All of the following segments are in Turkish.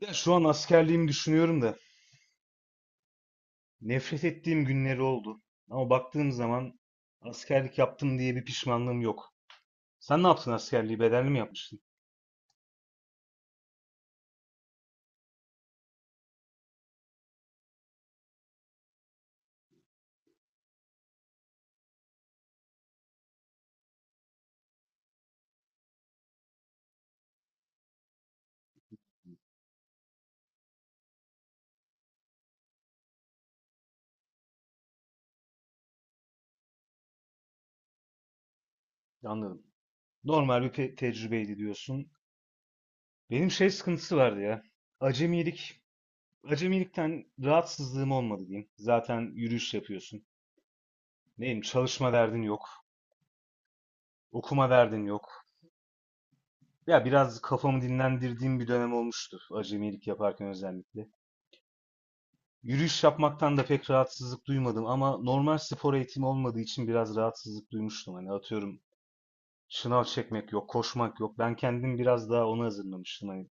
Ya şu an askerliğimi düşünüyorum da nefret ettiğim günleri oldu. Ama baktığım zaman askerlik yaptım diye bir pişmanlığım yok. Sen ne yaptın askerliği? Bedelli mi yapmıştın? Anladım. Normal bir tecrübeydi diyorsun. Benim şey sıkıntısı vardı ya. Acemilik. Acemilikten rahatsızlığım olmadı diyeyim. Zaten yürüyüş yapıyorsun. Neyim çalışma derdin yok. Okuma derdin yok. Ya biraz kafamı dinlendirdiğim bir dönem olmuştu. Acemilik yaparken özellikle. Yürüyüş yapmaktan da pek rahatsızlık duymadım ama normal spor eğitimi olmadığı için biraz rahatsızlık duymuştum. Hani atıyorum şınav çekmek yok, koşmak yok. Ben kendim biraz daha ona hazırlamıştım. Hani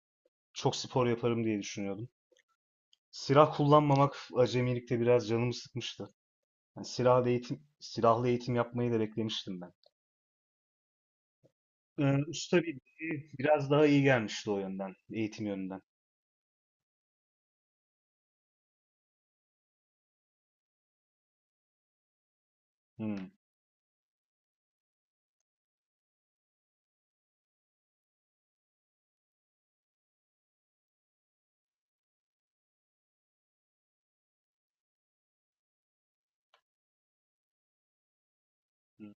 çok spor yaparım diye düşünüyordum. Silah kullanmamak acemilikte biraz canımı sıkmıştı. Yani silahlı eğitim, silahlı eğitim yapmayı da beklemiştim ben. Usta bildiği biraz daha iyi gelmişti o yönden, eğitim yönünden. Hmm. hmm,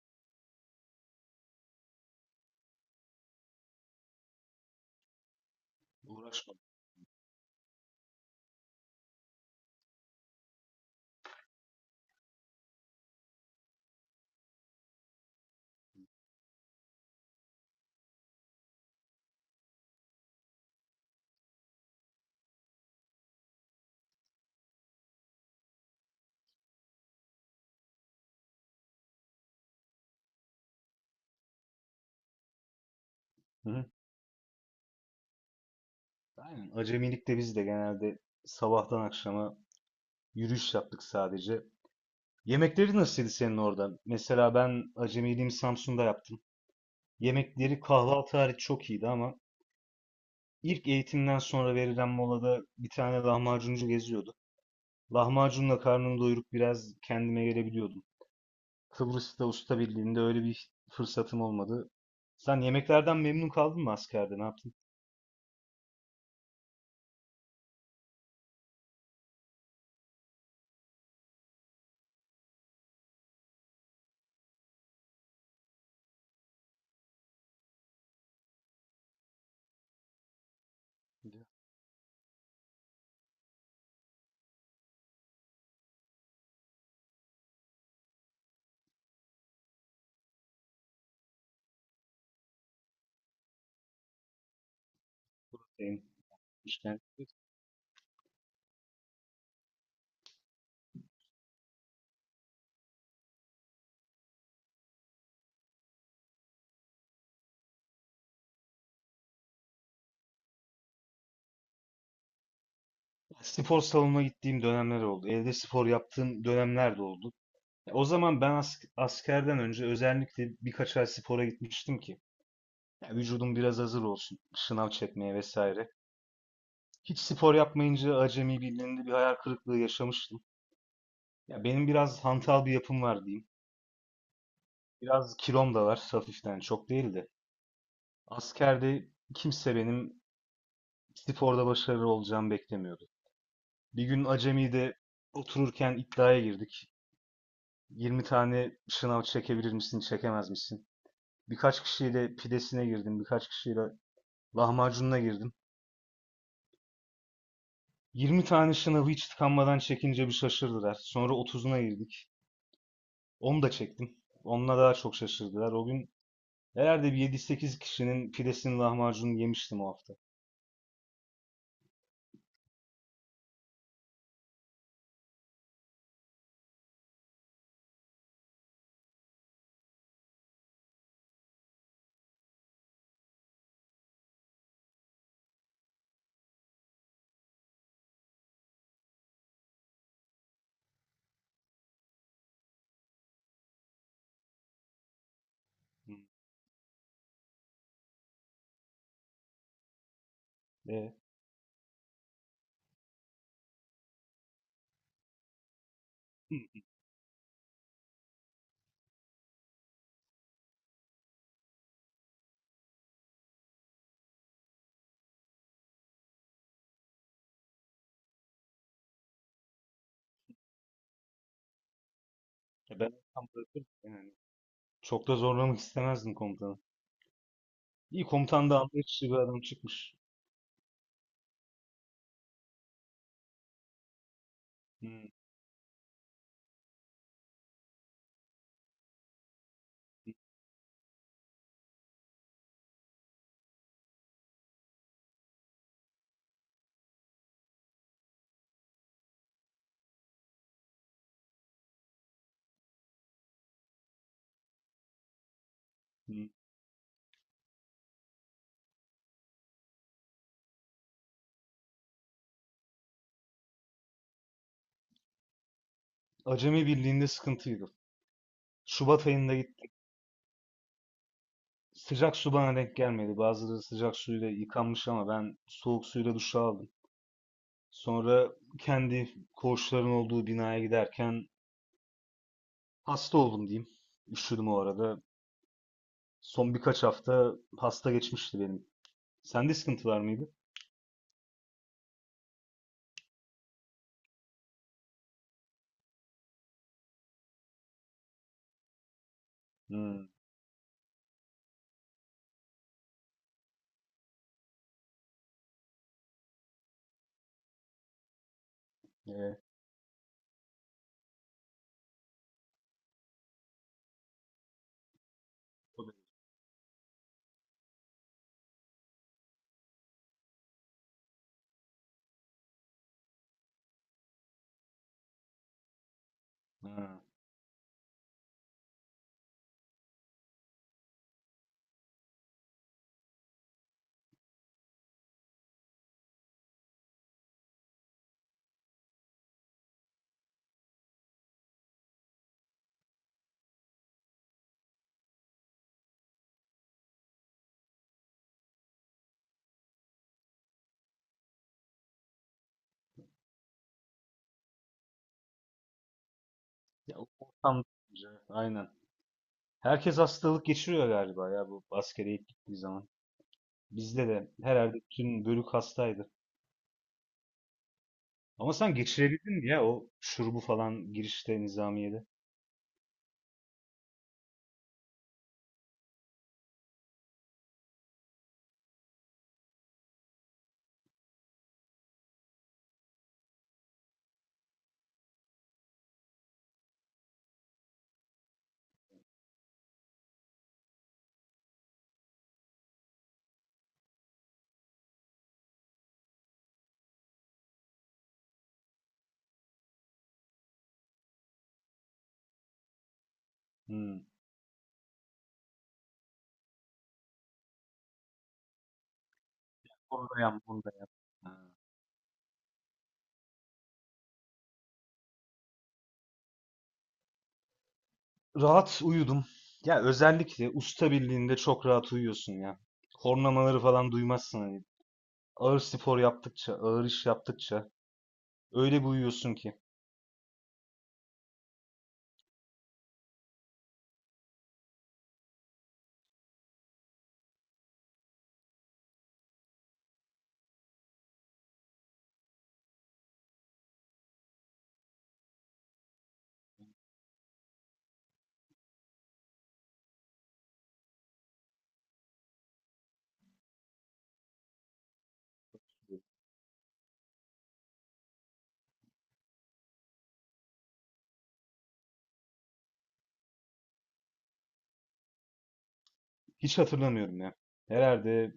Uğraşmadım. Hı hı. Aynen. Acemilikte biz de genelde sabahtan akşama yürüyüş yaptık sadece. Yemekleri nasılydı senin orada? Mesela ben acemiliğimi Samsun'da yaptım. Yemekleri kahvaltı hariç çok iyiydi ama ilk eğitimden sonra verilen molada bir tane lahmacuncu geziyordu. Lahmacunla karnımı doyurup biraz kendime gelebiliyordum. Kıbrıs'ta usta birliğinde öyle bir fırsatım olmadı. Sen yemeklerden memnun kaldın mı askerde? Ne yaptın? Senin işten. Spor salonuna gittiğim dönemler oldu. Evde spor yaptığım dönemler de oldu. O zaman ben askerden önce özellikle birkaç ay spora gitmiştim ki ya vücudum biraz hazır olsun, sınav çekmeye vesaire. Hiç spor yapmayınca acemi birliğinde bir hayal kırıklığı yaşamıştım. Ya benim biraz hantal bir yapım var diyeyim. Biraz kilom da var hafiften, çok değil de. Askerde kimse benim sporda başarılı olacağımı beklemiyordu. Bir gün acemide otururken iddiaya girdik. 20 tane sınav çekebilir misin, çekemez misin? Birkaç kişiyle pidesine girdim, birkaç kişiyle lahmacununa girdim. 20 tane şınavı hiç tıkanmadan çekince bir şaşırdılar. Sonra 30'una girdik. Onu da çektim. Onunla daha çok şaşırdılar. O gün herhalde bir yedi sekiz kişinin pidesini lahmacununu yemiştim o hafta. Hı. E, hı. Ben tam bırakırım yani. Çok da zorlamak istemezdim komutanı. İyi, komutan da anlayışlı bir adam çıkmış. Hı, hı. Acemi birliğinde sıkıntıydı. Şubat ayında gittim. Sıcak su bana denk gelmedi. Bazıları sıcak suyla yıkanmış ama ben soğuk suyla duş aldım. Sonra kendi koğuşların olduğu binaya giderken hasta oldum diyeyim. Üşüdüm o arada. Son birkaç hafta hasta geçmişti benim. Sende sıkıntı var mıydı? Hmm, evet. O da- Ha. Ya, ortam aynen. Herkes hastalık geçiriyor galiba ya bu askere ilk gittiği zaman. Bizde de herhalde bütün bölük hastaydı. Ama sen geçirebildin mi ya o şurubu falan girişte nizamiyede? Hmm. Onu da yap, onu da yap. Rahat uyudum. Ya özellikle usta birliğinde çok rahat uyuyorsun ya. Horlamaları falan duymazsın hani. Ağır spor yaptıkça, ağır iş yaptıkça öyle bir uyuyorsun ki. Hiç hatırlamıyorum ya. Herhalde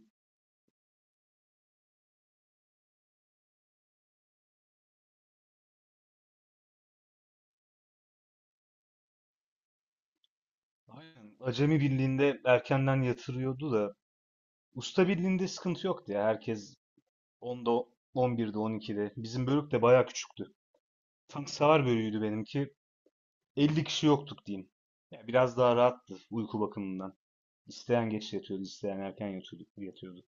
aynen acemi birliğinde erkenden yatırıyordu da usta birliğinde sıkıntı yoktu ya. Herkes 10'da, 11'de, 12'de. Bizim bölük de bayağı küçüktü. Tank savar bölüğüydü benimki. 50 kişi yoktuk diyeyim. Ya biraz daha rahattı uyku bakımından. İsteyen geç yatıyordu, isteyen erken yatıyordu, yatıyordu.